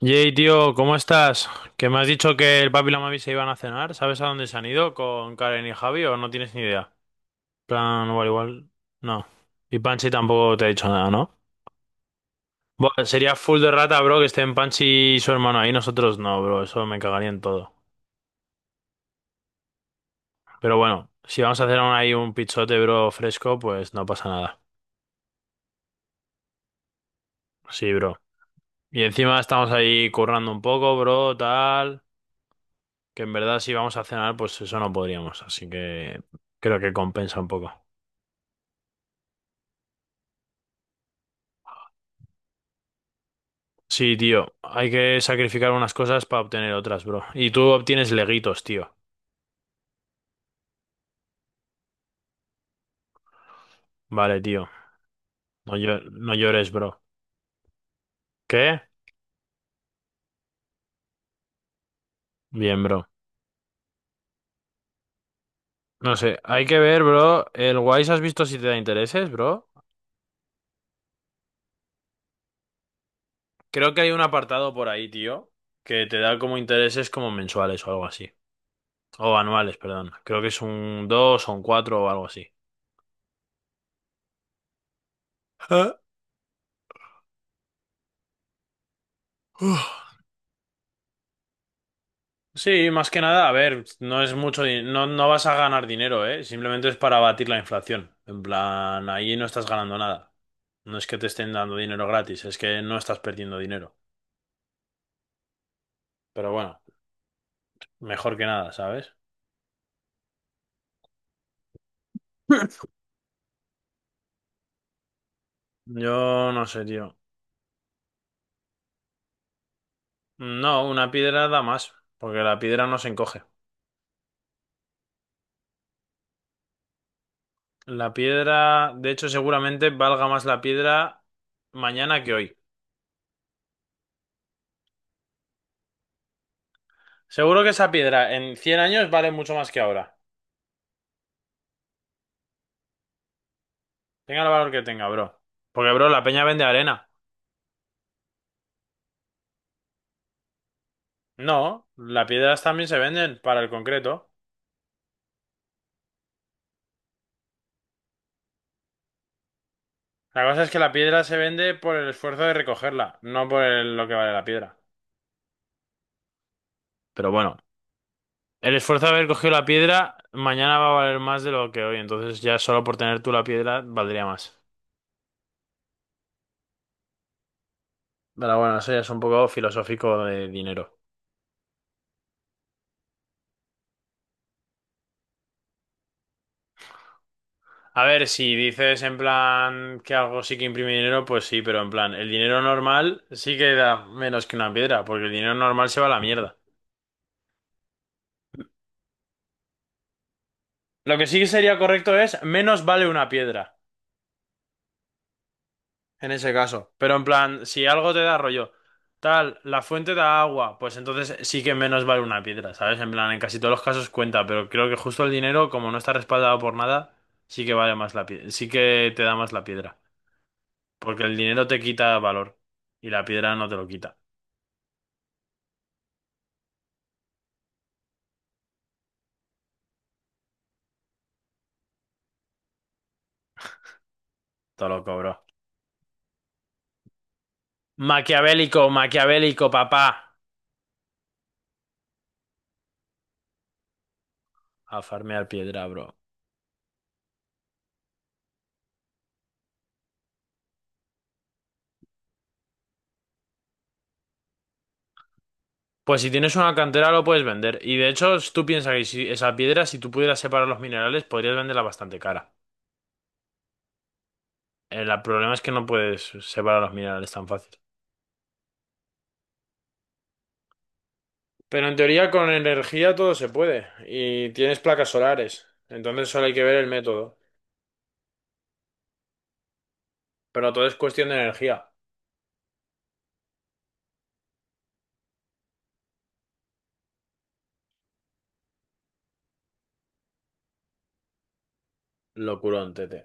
Yey, tío, ¿cómo estás? Que me has dicho que el papi y la mami se iban a cenar. ¿Sabes a dónde se han ido con Karen y Javi o no tienes ni idea? Plan, igual, igual. No. Y Panchi tampoco te ha dicho nada, ¿no? Buah, sería full de rata, bro, que estén Panchi y su hermano ahí. Nosotros no, bro. Eso me cagaría en todo. Pero bueno, si vamos a hacer aún ahí un pichote, bro, fresco, pues no pasa nada. Sí, bro. Y encima estamos ahí currando un poco, bro, tal. Que en verdad si vamos a cenar, pues eso no podríamos. Así que creo que compensa un poco. Sí, tío, hay que sacrificar unas cosas para obtener otras, bro. Y tú obtienes leguitos, tío. Vale, tío. No, no llores, bro. ¿Qué? Bien, bro. No sé, hay que ver, bro. El Wise has visto si te da intereses, bro. Creo que hay un apartado por ahí, tío, que te da como intereses como mensuales o algo así. O anuales, perdón. Creo que es un 2 o un 4 o algo así. Ah. Sí, más que nada, a ver, no es mucho, no, no vas a ganar dinero, ¿eh? Simplemente es para abatir la inflación. En plan, ahí no estás ganando nada. No es que te estén dando dinero gratis, es que no estás perdiendo dinero. Pero bueno, mejor que nada, ¿sabes? Yo no sé, tío. No, una piedra da más, porque la piedra no se encoge. La piedra, de hecho, seguramente valga más la piedra mañana que hoy. Seguro que esa piedra en 100 años vale mucho más que ahora. Tenga el valor que tenga, bro. Porque, bro, la peña vende arena. No, las piedras también se venden para el concreto. La cosa es que la piedra se vende por el esfuerzo de recogerla, no por lo que vale la piedra. Pero bueno, el esfuerzo de haber cogido la piedra mañana va a valer más de lo que hoy, entonces ya solo por tener tú la piedra valdría más. Pero bueno, eso ya es un poco filosófico de dinero. A ver, si dices en plan que algo sí que imprime dinero, pues sí, pero en plan, el dinero normal sí que da menos que una piedra, porque el dinero normal se va a la mierda. Lo que sí que sería correcto es menos vale una piedra, en ese caso. Pero en plan, si algo te da rollo, tal, la fuente da agua, pues entonces sí que menos vale una piedra, ¿sabes? En plan, en casi todos los casos cuenta, pero creo que justo el dinero, como no está respaldado por nada, sí que vale más la piedra, sí que te da más la piedra. Porque el dinero te quita valor y la piedra no te lo quita, te lo cobro. Maquiavélico, maquiavélico, papá. A farmear piedra, bro. Pues si tienes una cantera lo puedes vender. Y de hecho, tú piensas que si esa piedra, si tú pudieras separar los minerales, podrías venderla bastante cara. El problema es que no puedes separar los minerales tan fácil. Pero en teoría con energía todo se puede. Y tienes placas solares. Entonces solo hay que ver el método. Pero todo es cuestión de energía. Locurón, tete.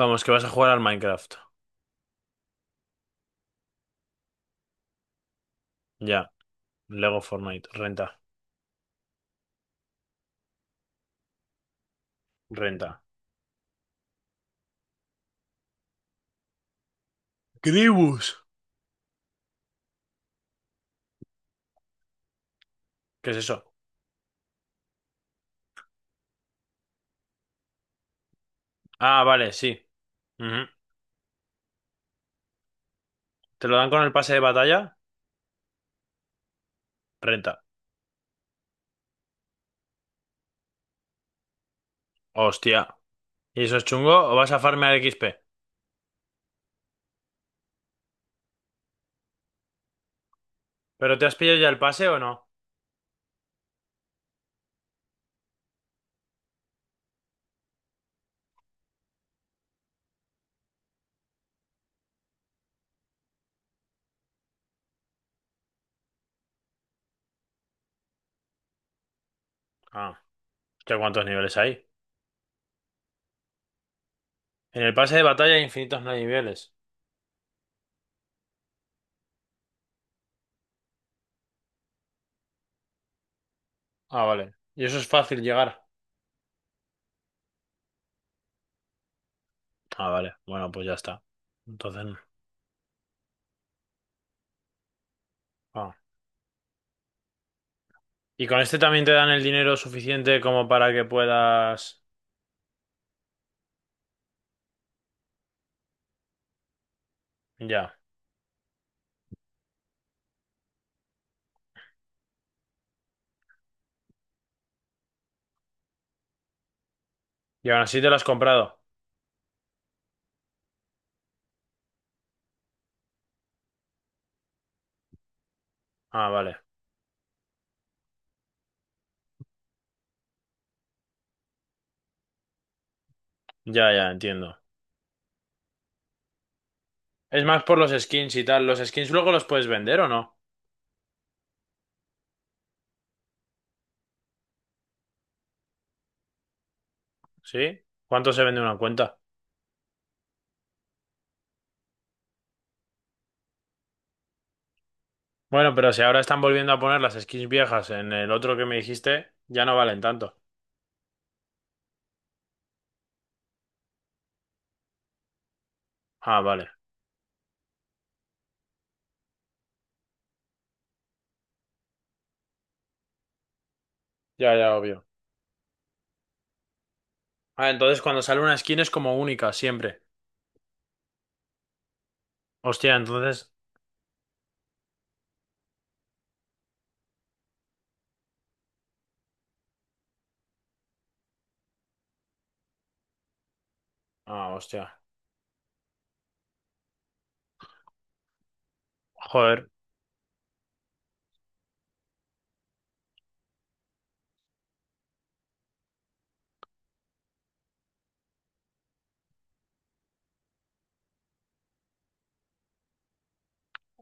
Vamos, que vas a jugar al Minecraft. Ya. Lego Fortnite. Renta. Renta. Gribus. ¿Qué es eso? Ah, vale, sí. Ujú. ¿Te lo dan con el pase de batalla? Renta. Hostia. ¿Y eso es chungo o vas a farmear XP? ¿Pero te has pillado ya el pase o no? Ah, ¿qué cuántos niveles hay? En el pase de batalla hay infinitos niveles. Ah, vale. ¿Y eso es fácil llegar? Ah, vale. Bueno, pues ya está. Entonces, no. Ah. ¿Y con este también te dan el dinero suficiente como para que puedas... Ya. ¿Y aún así te lo has comprado? Ah, vale. Ya, ya, entiendo. Es más por los skins y tal. ¿Los skins luego los puedes vender o no? ¿Sí? ¿Cuánto se vende una cuenta? Bueno, pero si ahora están volviendo a poner las skins viejas en el otro que me dijiste, ya no valen tanto. Ah, vale. Ya, ya, obvio. Ah, entonces cuando sale una skin es como única, siempre. Hostia, entonces. Ah, hostia. Joder,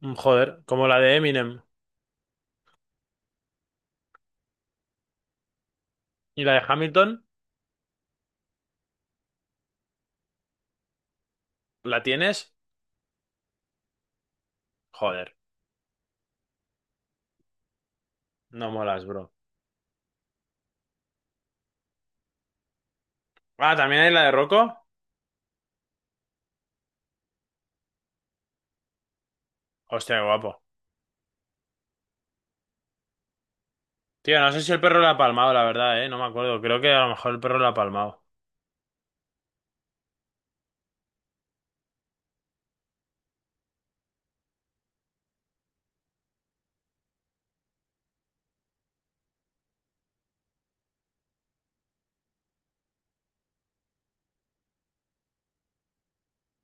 joder. Como la de Eminem y la de Hamilton, ¿la tienes? Joder, no molas, bro. Ah, también hay la de Rocco. Hostia, qué guapo. Tío, no sé si el perro la ha palmado, la verdad, eh. No me acuerdo. Creo que a lo mejor el perro la ha palmado.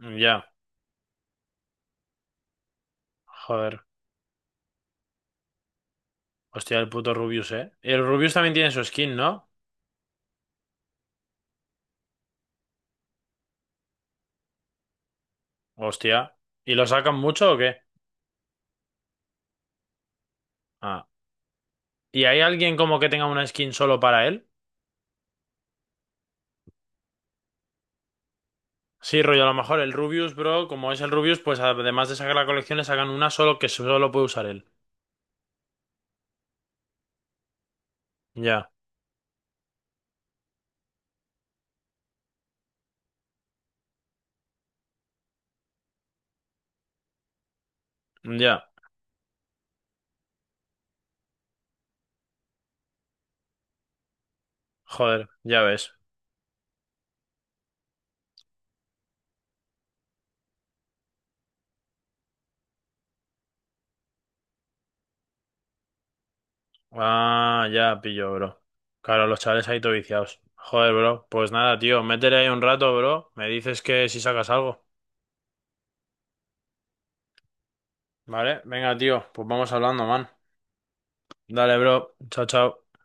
Mm, ya. Joder. Hostia, el puto Rubius, eh. Y el Rubius también tiene su skin, ¿no? Hostia. ¿Y lo sacan mucho o qué? Ah. ¿Y hay alguien como que tenga una skin solo para él? Sí, rollo, a lo mejor el Rubius, bro, como es el Rubius, pues además de sacar la colección, le sacan una solo que solo puede usar él. Ya, ya. Joder, ya ves. Ah, ya pillo, bro. Claro, los chavales ahí todo viciados. Joder, bro. Pues nada, tío, métele ahí un rato, bro. Me dices que si sacas algo. Vale, venga, tío, pues vamos hablando, man. Dale, bro. Chao, chao.